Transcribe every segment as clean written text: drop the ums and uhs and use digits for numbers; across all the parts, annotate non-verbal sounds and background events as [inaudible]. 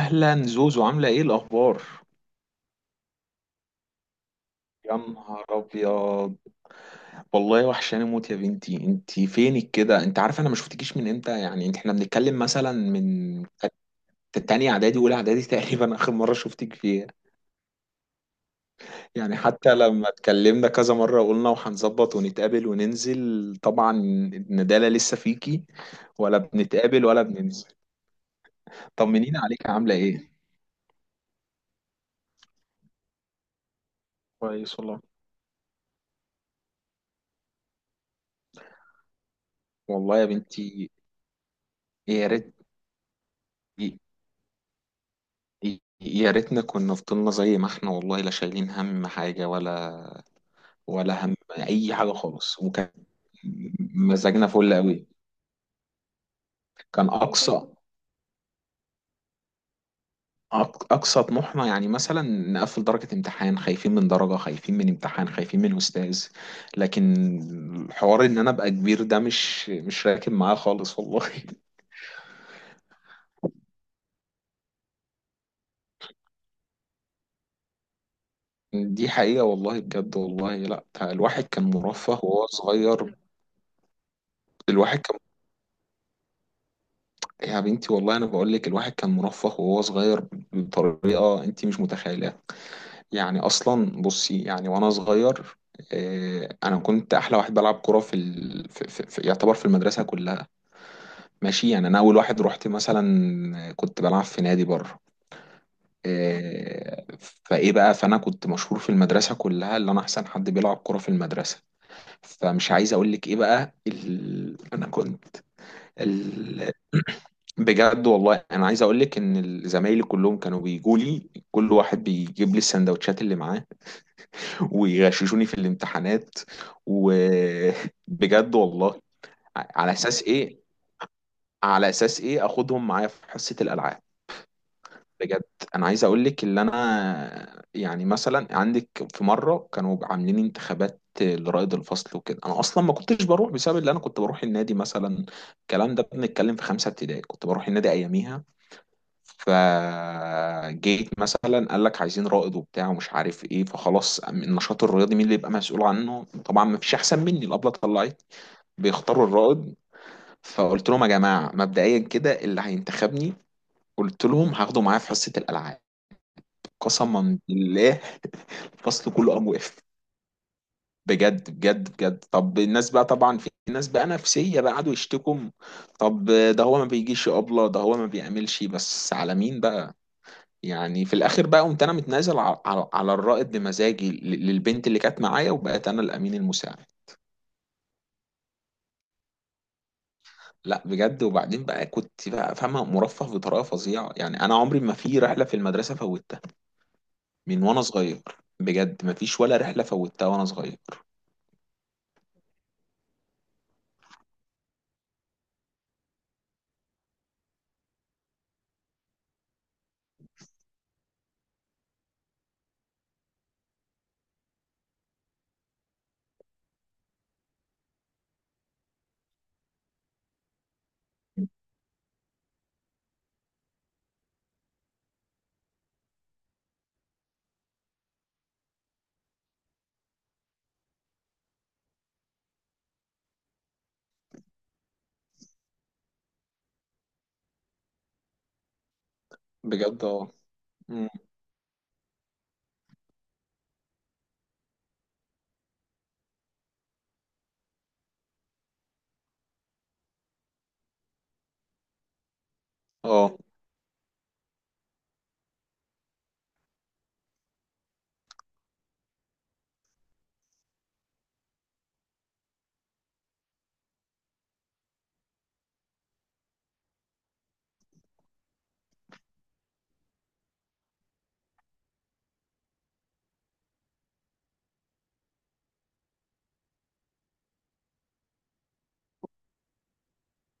اهلا زوزو، عامله ايه الاخبار؟ يا نهار ابيض. والله وحشاني موت يا بنتي، انت فينك كده؟ انت عارفه انا ما شفتكيش من امتى؟ يعني احنا بنتكلم مثلا من تانية اعدادي اولى اعدادي [laughs] تقريبا اخر مره شفتك فيها. يعني حتى لما اتكلمنا كذا مره قلنا وهنظبط ونتقابل وننزل، طبعا الندالة لسه فيكي، ولا بنتقابل ولا بننزل. طمنينا عليك، عامله ايه؟ كويس والله. والله يا بنتي. يا ريت. يا ريتنا كنا فضلنا زي ما احنا، والله لا شايلين هم حاجة ولا هم أي حاجة خالص، وكان مزاجنا فل قوي. كان أقصى طموحنا يعني مثلا نقفل درجة امتحان، خايفين من درجة، خايفين من امتحان، خايفين من أستاذ. لكن الحوار إن أنا أبقى كبير ده مش راكب معاه خالص والله. [laughs] دي حقيقة والله، بجد والله، لا الواحد كان مرفه وهو صغير. الواحد يا بنتي والله انا بقول لك، الواحد كان مرفه وهو صغير بطريقه انت مش متخيلها. يعني اصلا بصي، يعني وانا صغير، انا كنت احلى واحد بلعب كوره في يعتبر في المدرسه كلها. ماشي يعني انا اول واحد رحت مثلا كنت بلعب في نادي بره. فايه بقى، فانا كنت مشهور في المدرسه كلها، اللي انا احسن حد بيلعب كوره في المدرسه. فمش عايز اقول لك ايه بقى، انا كنت ال... بجد والله انا عايز اقول لك ان زمايلي كلهم كانوا بيجوا لي، كل واحد بيجيب لي السندوتشات اللي معاه، ويغششوني في الامتحانات. وبجد [laughs] والله. على اساس ايه؟ على اساس ايه؟ اخدهم معايا في حصة الالعاب. بجد. انا عايز اقول لك اللي انا يعني مثلا عندك، في مرة كانوا عاملين انتخابات لرائد الفصل وكده، انا اصلا ما كنتش بروح بسبب اللي انا كنت بروح النادي مثلا. الكلام ده بنتكلم في 5 ابتدائي، كنت بروح النادي اياميها. فجيت مثلا قال لك عايزين رائد وبتاع ومش عارف ايه، فخلاص النشاط الرياضي مين اللي يبقى مسؤول عنه؟ طبعا ما فيش احسن مني. الابله طلعت بيختاروا الرائد، فقلت لهم يا جماعه مبدئيا كده اللي هينتخبني قلت لهم هاخده معايا في حصه الالعاب. قسما بالله الفصل كله قام وقف. بجد بجد بجد. طب الناس بقى، طبعا في ناس بقى نفسيه بقى قعدوا يشتكوا. طب ده هو ما بيجيش يا ابله، ده هو ما بيعملش، بس على مين بقى؟ يعني في الاخر بقى قمت انا متنازل على الرائد بمزاجي للبنت اللي كانت معايا، وبقيت انا الامين المساعد. لا بجد. وبعدين بقى كنت بقى فاهمه، مرفه بطريقه فظيعه، يعني انا عمري ما في رحله في المدرسه فوتها من وانا صغير. بجد ما فيش ولا رحله فوتها وانا صغير. بجد. اه. مم. اه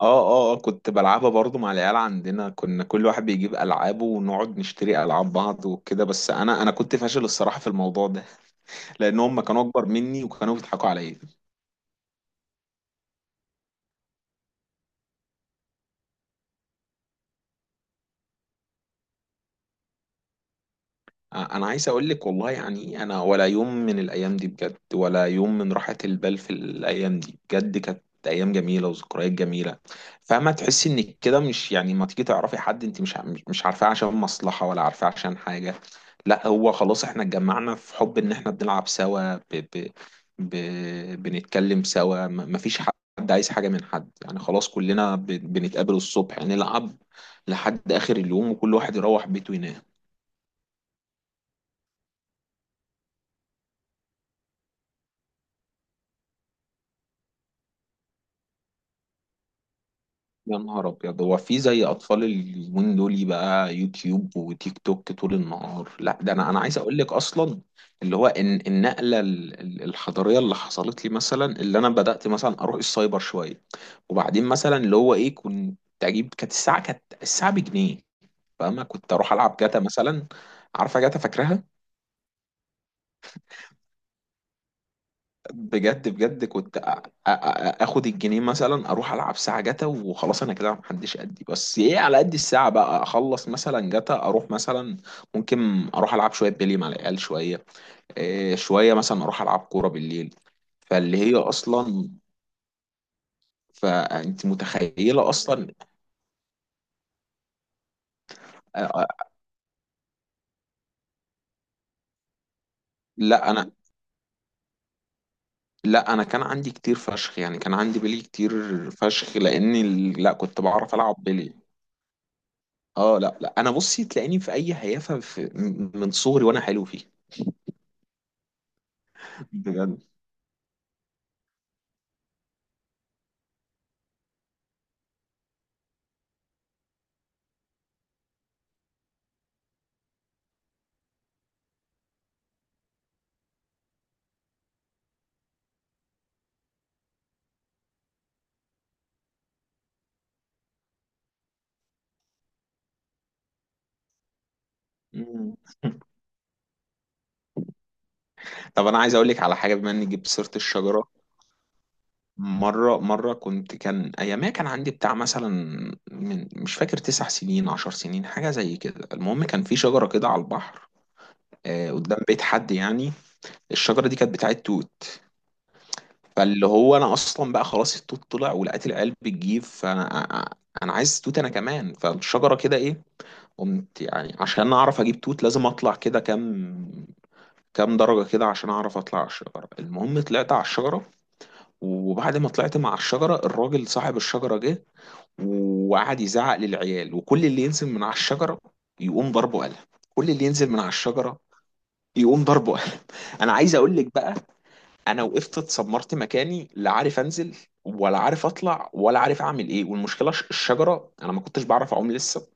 اه اه. كنت بلعبها برضو مع العيال عندنا، كنا كل واحد بيجيب العابه ونقعد نشتري العاب بعض وكده، بس انا كنت فاشل الصراحه في الموضوع ده لان هم كانوا اكبر مني وكانوا بيضحكوا عليا. انا عايز اقول لك والله، يعني انا ولا يوم من الايام دي بجد، ولا يوم من راحة البال في الايام دي بجد، كانت ايام جميله وذكريات جميله. فما تحسي انك كده مش يعني ما تيجي تعرفي حد انت مش عارفاه عشان مصلحه، ولا عارفاه عشان حاجه. لا، هو خلاص احنا اتجمعنا في حب ان احنا بنلعب سوا، ب ب ب بنتكلم سوا، ما فيش حد عايز حاجه من حد، يعني خلاص كلنا بنتقابل الصبح يعني نلعب لحد اخر اليوم وكل واحد يروح بيته ينام. يا نهار ابيض، هو في زي اطفال اليومين دول بقى، يوتيوب وتيك توك طول النهار؟ لا ده انا عايز اقول لك اصلا اللي هو ان النقله الحضاريه اللي حصلت لي مثلا اللي انا بدات مثلا اروح السايبر شويه، وبعدين مثلا اللي هو ايه، كنت اجيب، كانت الساعه بجنيه. فاهمه؟ كنت اروح العب جاتا مثلا. عارفه جاتا؟ فاكرها؟ بجد بجد، كنت اخد الجنيه مثلا اروح العب ساعه جتا وخلاص، انا كده محدش قدي، بس ايه، على قد الساعه بقى اخلص مثلا جتا، اروح مثلا ممكن اروح العب شويه بلي مع العيال، شويه إيه، شويه مثلا اروح العب كوره بالليل. فاللي هي اصلا، فانت متخيله اصلا. أ- أ- لا انا لا انا كان عندي كتير فشخ، يعني كان عندي بلي كتير فشخ لاني لا كنت بعرف العب بلي. اه لا لا، انا بصي تلاقيني في اي هيافه من صغري وانا حلو فيه. بجد. مم. طب انا عايز اقول لك على حاجه، بما اني جبت سيره الشجره. مره كان ايامها كان عندي بتاع مثلا، من مش فاكر 9 سنين 10 سنين، حاجه زي كده، المهم كان في شجره كده على البحر، قدام بيت حد يعني. الشجره دي كانت بتاعت توت. فاللي هو انا اصلا بقى خلاص التوت طلع، ولقيت العيال بتجيب، فانا عايز توت انا كمان، فالشجره كده ايه، قمت يعني عشان اعرف اجيب توت لازم اطلع كده، كام درجة كده عشان اعرف اطلع على الشجرة. المهم طلعت على الشجرة، وبعد ما طلعت مع الشجرة الراجل صاحب الشجرة جه، وقعد يزعق للعيال، وكل اللي ينزل من على الشجرة يقوم ضربه قلم، كل اللي ينزل من على الشجرة يقوم ضربه قلم. [laughs] انا عايز اقول لك بقى، انا وقفت اتسمرت مكاني، لا عارف انزل ولا عارف اطلع ولا عارف اعمل ايه، والمشكلة الشجرة، انا ما كنتش بعرف اعوم لسه،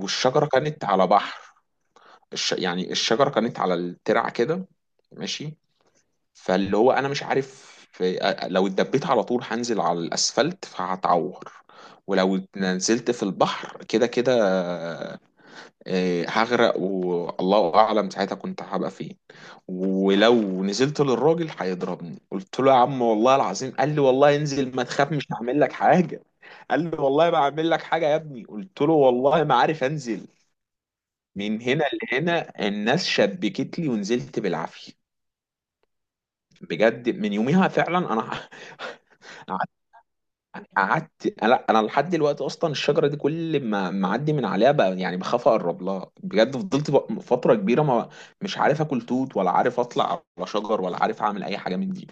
والشجرة كانت على بحر. يعني الشجرة كانت على الترع كده، ماشي. فاللي هو انا مش عارف، لو اتدبيت على طول هنزل على الاسفلت فهتعور، ولو نزلت في البحر كده كده هغرق والله اعلم ساعتها كنت هبقى فين، ولو نزلت للراجل هيضربني. قلت له يا عم والله العظيم، قال لي والله انزل ما تخاف مش هعمل لك حاجة، قال لي والله ما هعمل لك حاجة يا ابني، قلت له والله ما عارف انزل. من هنا لهنا الناس شبكت لي ونزلت بالعافيه. بجد من يوميها فعلا انا [laughs] قعدت لا انا لحد دلوقتي اصلا الشجره دي كل ما اعدي من عليها بقى يعني بخاف اقرب لها، بجد فضلت فتره كبيره ما مش عارف اكل توت ولا عارف اطلع على شجر ولا عارف اعمل اي حاجه من دي.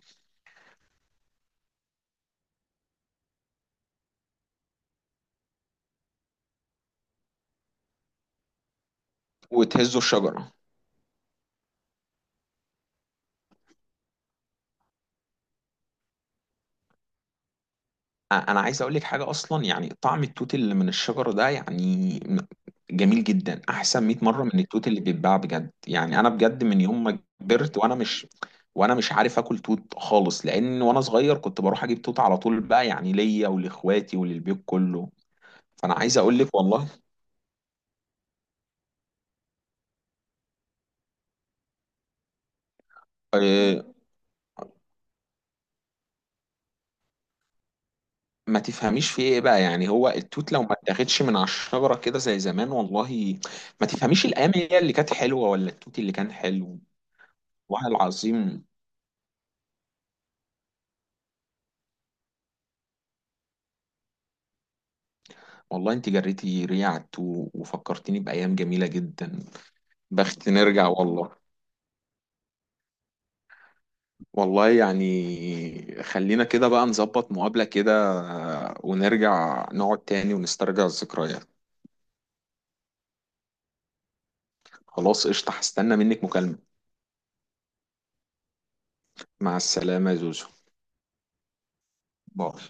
وتهزوا الشجره. انا عايز اقول لك حاجه اصلا، يعني طعم التوت اللي من الشجره ده، يعني جميل جدا، احسن 100 مره من التوت اللي بيتباع، بجد. يعني انا بجد من يوم ما كبرت وانا مش عارف اكل توت خالص، لان وانا صغير كنت بروح اجيب توت على طول بقى، يعني ليا ولاخواتي وللبيت كله. فانا عايز اقول لك والله، آه، ما تفهميش في ايه بقى، يعني هو التوت لو ما اتاخدش من على الشجره كده زي زمان والله ما تفهميش الايام هي اللي كانت حلوه ولا التوت اللي كان حلو. والله العظيم. والله انت جريتي ريعة عدت و- وفكرتيني بأيام جميلة جدا. بخت نرجع والله. والله يعني خلينا كده بقى نظبط مقابلة كده، ونرجع نقعد تاني ونسترجع الذكريات. خلاص قشطة، هستنى منك مكالمة. مع السلامة يا زوزو. باي.